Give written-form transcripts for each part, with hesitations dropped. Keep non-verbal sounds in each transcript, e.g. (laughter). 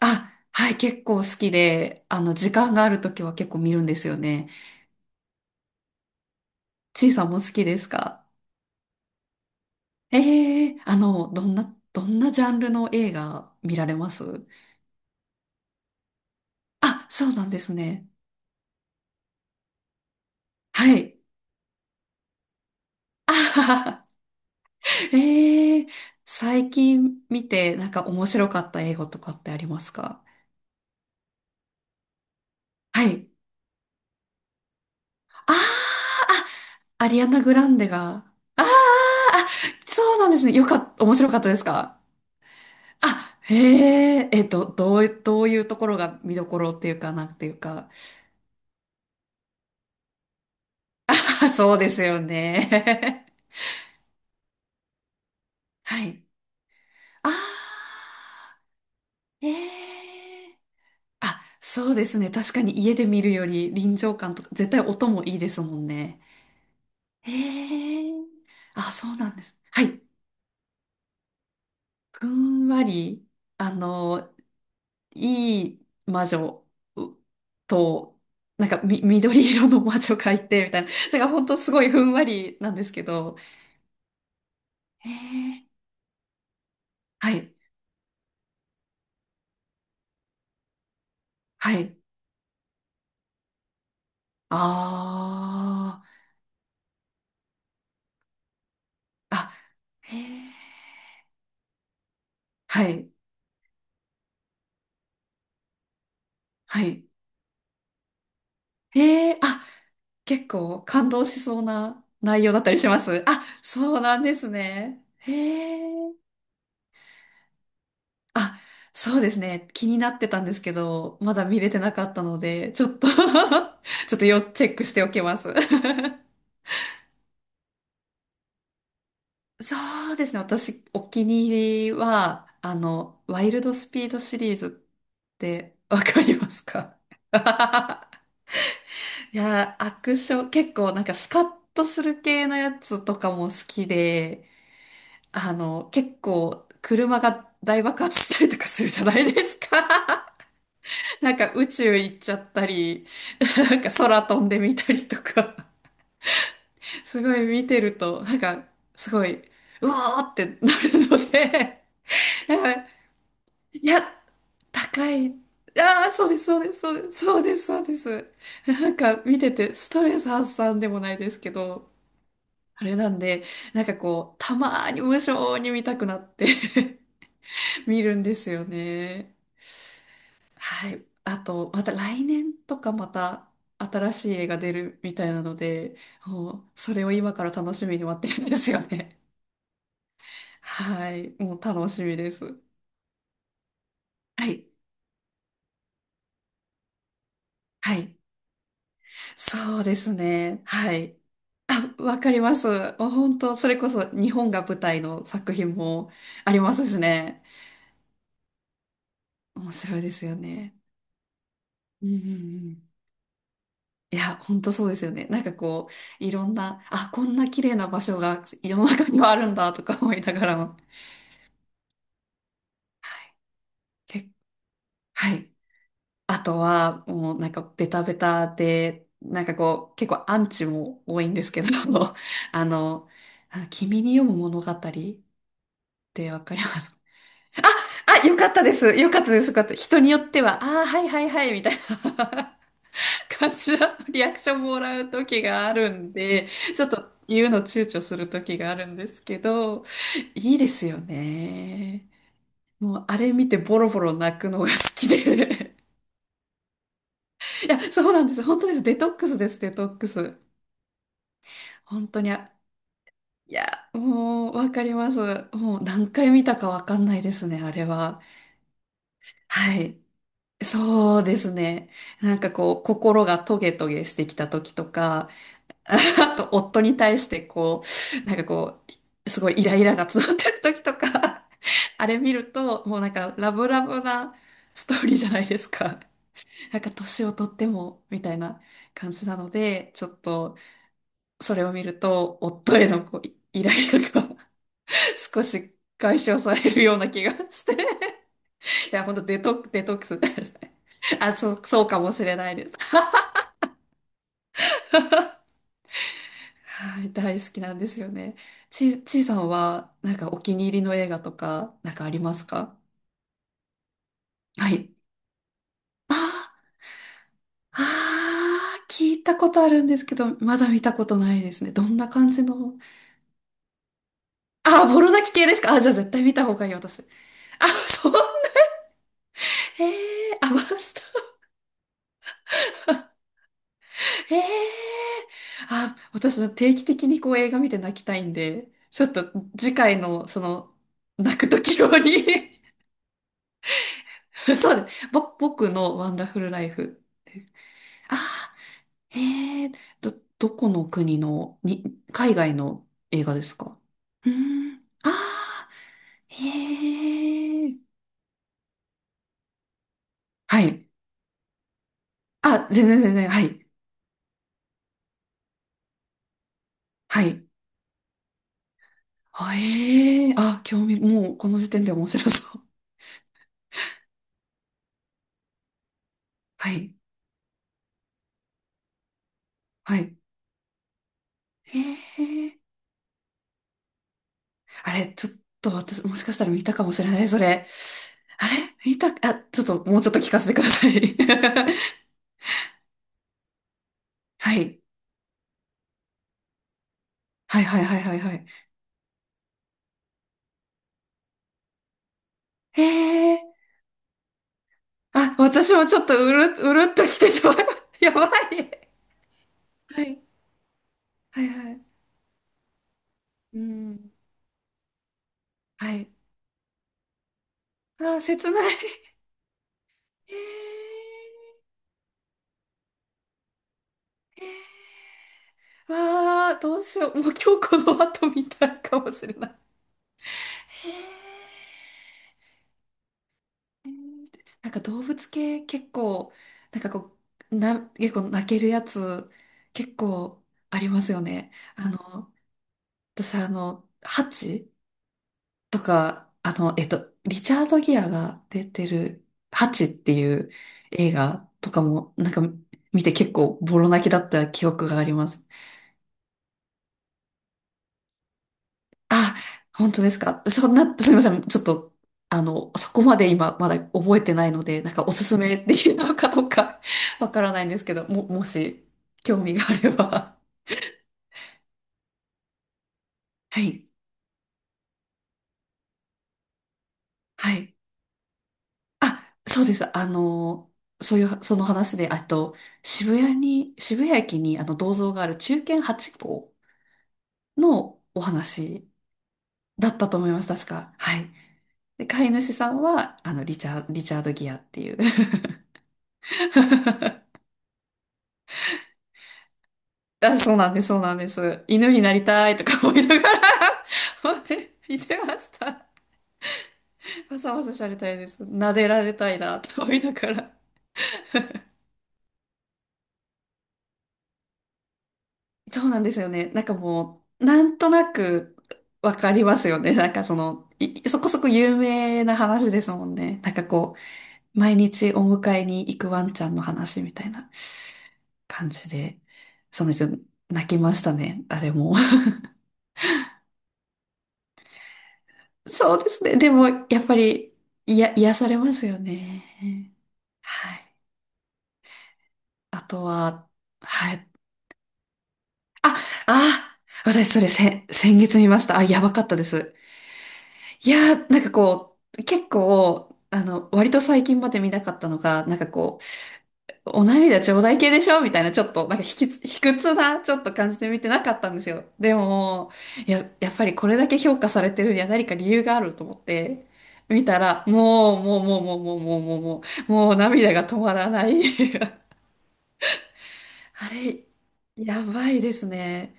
あ、はい、結構好きで、時間があるときは結構見るんですよね。ちいさんも好きですか？ええ、どんなジャンルの映画見られます？あ、そうなんですね。はい。あはは。ええ。最近見て、なんか面白かった映画とかってありますか？はい。あーあ、アリアナ・グランデが。あーあ、そうなんですね。よかった、面白かったですか？あ、へえ、どういうところが見どころっていうか、なんていうか。(laughs) あ、そうですよね。(laughs) はい。あー。ええ。あ、そうですね。確かに家で見るより臨場感とか、絶対音もいいですもんね。ええ。あ、そうなんです。はい。ふんわり、あの、いい魔女と、なんかみ、緑色の魔女がいて、みたいな。それが本当すごいふんわりなんですけど、へえ。はい。はい。ああ。あ、へえ。はい。はい。へえ。あ、結構感動しそうな内容だったりします？あ、そうなんですね。へえ。あ、そうですね。気になってたんですけど、まだ見れてなかったので、ちょっと、 (laughs) ちょっと要チェックしておきます。(laughs) そうですね。私、お気に入りは、ワイルドスピードシリーズってわかりますか？ (laughs) いやー、アクション、結構なんかスカッとする系のやつとかも好きで、結構車が大爆発したりとかするじゃないですか。(laughs) なんか宇宙行っちゃったり、なんか空飛んでみたりとか、すごい見てると、なんかすごい、うわーってなるので、なんか、いや、高い、ああ、そうです、そうです、そうです、そうです、そうです。なんか見ててストレス発散でもないですけど、あれなんで、なんかこう、たまーに無性に見たくなって、 (laughs) 見るんですよね。はい。あと、また来年とかまた新しい映画出るみたいなので、もう、それを今から楽しみに待ってるんですよね。はい。もう楽しみです。はい。はい。そうですね。はい。あ、わかります。もう本当、それこそ日本が舞台の作品もありますしね。面白いですよね。うんうんうん。いや、本当そうですよね。なんかこう、いろんな、あ、こんな綺麗な場所が世の中にはあるんだとか思いながらも。はい。けはい。あとは、もうなんかベタベタで、なんかこう、結構アンチも多いんですけど、(laughs) あの、あ、君に読む物語ってわかります？ (laughs) あ、よかったです。よかったです。よかった。人によっては、ああ、はいはいはい、みたいな。(laughs) 感じだとリアクションもらう時があるんで、ちょっと言うの躊躇する時があるんですけど、いいですよね。もうあれ見てボロボロ泣くのが好きで。(laughs) いや、そうなんです。本当です。デトックスです、デトックス。本当に、いや、もうわかります。もう何回見たかわかんないですね、あれは。はい。そうですね。なんかこう、心がトゲトゲしてきた時とか、(laughs) あと、夫に対してこう、なんかこう、すごいイライラが募ってる時とか、(laughs) あれ見ると、もうなんかラブラブなストーリーじゃないですか。なんか年をとっても、みたいな感じなので、ちょっと、それを見ると、夫へのこう、イライラが、 (laughs) 少し解消されるような気がして。いや、ほんとデトックスですね。あ、そう、そうかもしれないです。(laughs) はい、大好きなんですよね。ちいさんは、なんかお気に入りの映画とか、なんかありますか？はい。あー、あー、聞いたことあるんですけど、まだ見たことないですね。どんな感じの。あー、ボロ泣き系ですか？あ、じゃあ絶対見た方がいい、私。あ、そう。ええ、あ、マスター。ええ、あ、私は定期的にこう映画見て泣きたいんで、ちょっと次回の、その、泣く時用に。 (laughs) そうです。僕のワンダフルライフ。あー、へえ。ど、どこの国の、海外の映画ですか？うーん、あー、へえー、はい。あ、全然全然、はい。はい。あ、あ、興味、もうこの時点で面白そう。はい。はい。へえー、あれ、ちょっと私、もしかしたら見たかもしれない、それ。あれ見た、あ、ちょっと、もうちょっと聞かせてください。(laughs) はい。はいはいはいはいはい。へえ。あ、私もちょっとうるっときてしまう。(laughs) やばい。はい。はいはい。うん。はい。あー、切ない。えー。えー、わー、どうしよう。もう今日この後みたいかもしれない。へー。なんか動物系結構、なんかこう、結構泣けるやつ結構ありますよね。私、ハチとか、リチャード・ギアが出てる、ハチっていう映画とかも、なんか見て結構ボロ泣きだった記憶があります。あ、本当ですか。そんな、すみません。ちょっと、そこまで今まだ覚えてないので、なんかおすすめできるのかどうか、 (laughs) わからないんですけど、もし興味があれば。はい。はい。あ、そうです。そういう、その話で、あと、渋谷駅にあの銅像がある忠犬ハチ公のお話だったと思います、確か。はい。で、飼い主さんは、リチャード・ギアっていう。(laughs) あ、そうなんです、そうなんです。犬になりたいとか思いながら、 (laughs) 見てました。わさわさしゃれたいです。撫でられたいな、と思いながら。そうなんですよね。なんかもう、なんとなくわかりますよね。なんかその、そこそこ有名な話ですもんね。なんかこう、毎日お迎えに行くワンちゃんの話みたいな感じで、その人泣きましたね。あれも。(laughs) そうですね。でも、やっぱり、いや、癒されますよね。はい。あとは、はい。あ、あ、私それ、先月見ました。あ、やばかったです。いやー、なんかこう、結構、割と最近まで見なかったのが、なんかこう、お涙頂戴系でしょみたいな、ちょっと、なんか卑屈な、ちょっと感じで見てなかったんですよ。でも、いや、やっぱりこれだけ評価されてるには何か理由があると思って、見たら、もう、もう、もう、もう、もう、もう、もう、もう、もう涙が止まらない。(laughs) あれ、やばいですね。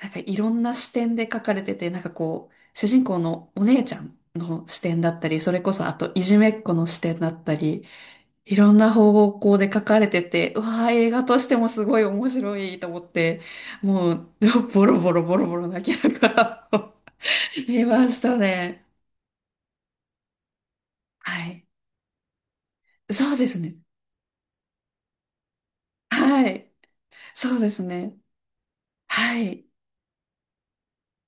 なんかいろんな視点で書かれてて、なんかこう、主人公のお姉ちゃんの視点だったり、それこそあといじめっ子の視点だったり、いろんな方向で書かれてて、うわー、映画としてもすごい面白いと思って、もう、(laughs) ボロボロボロボロ泣きながら、 (laughs) 見ましたね。はい。そうですね。はい。そうですね。はい。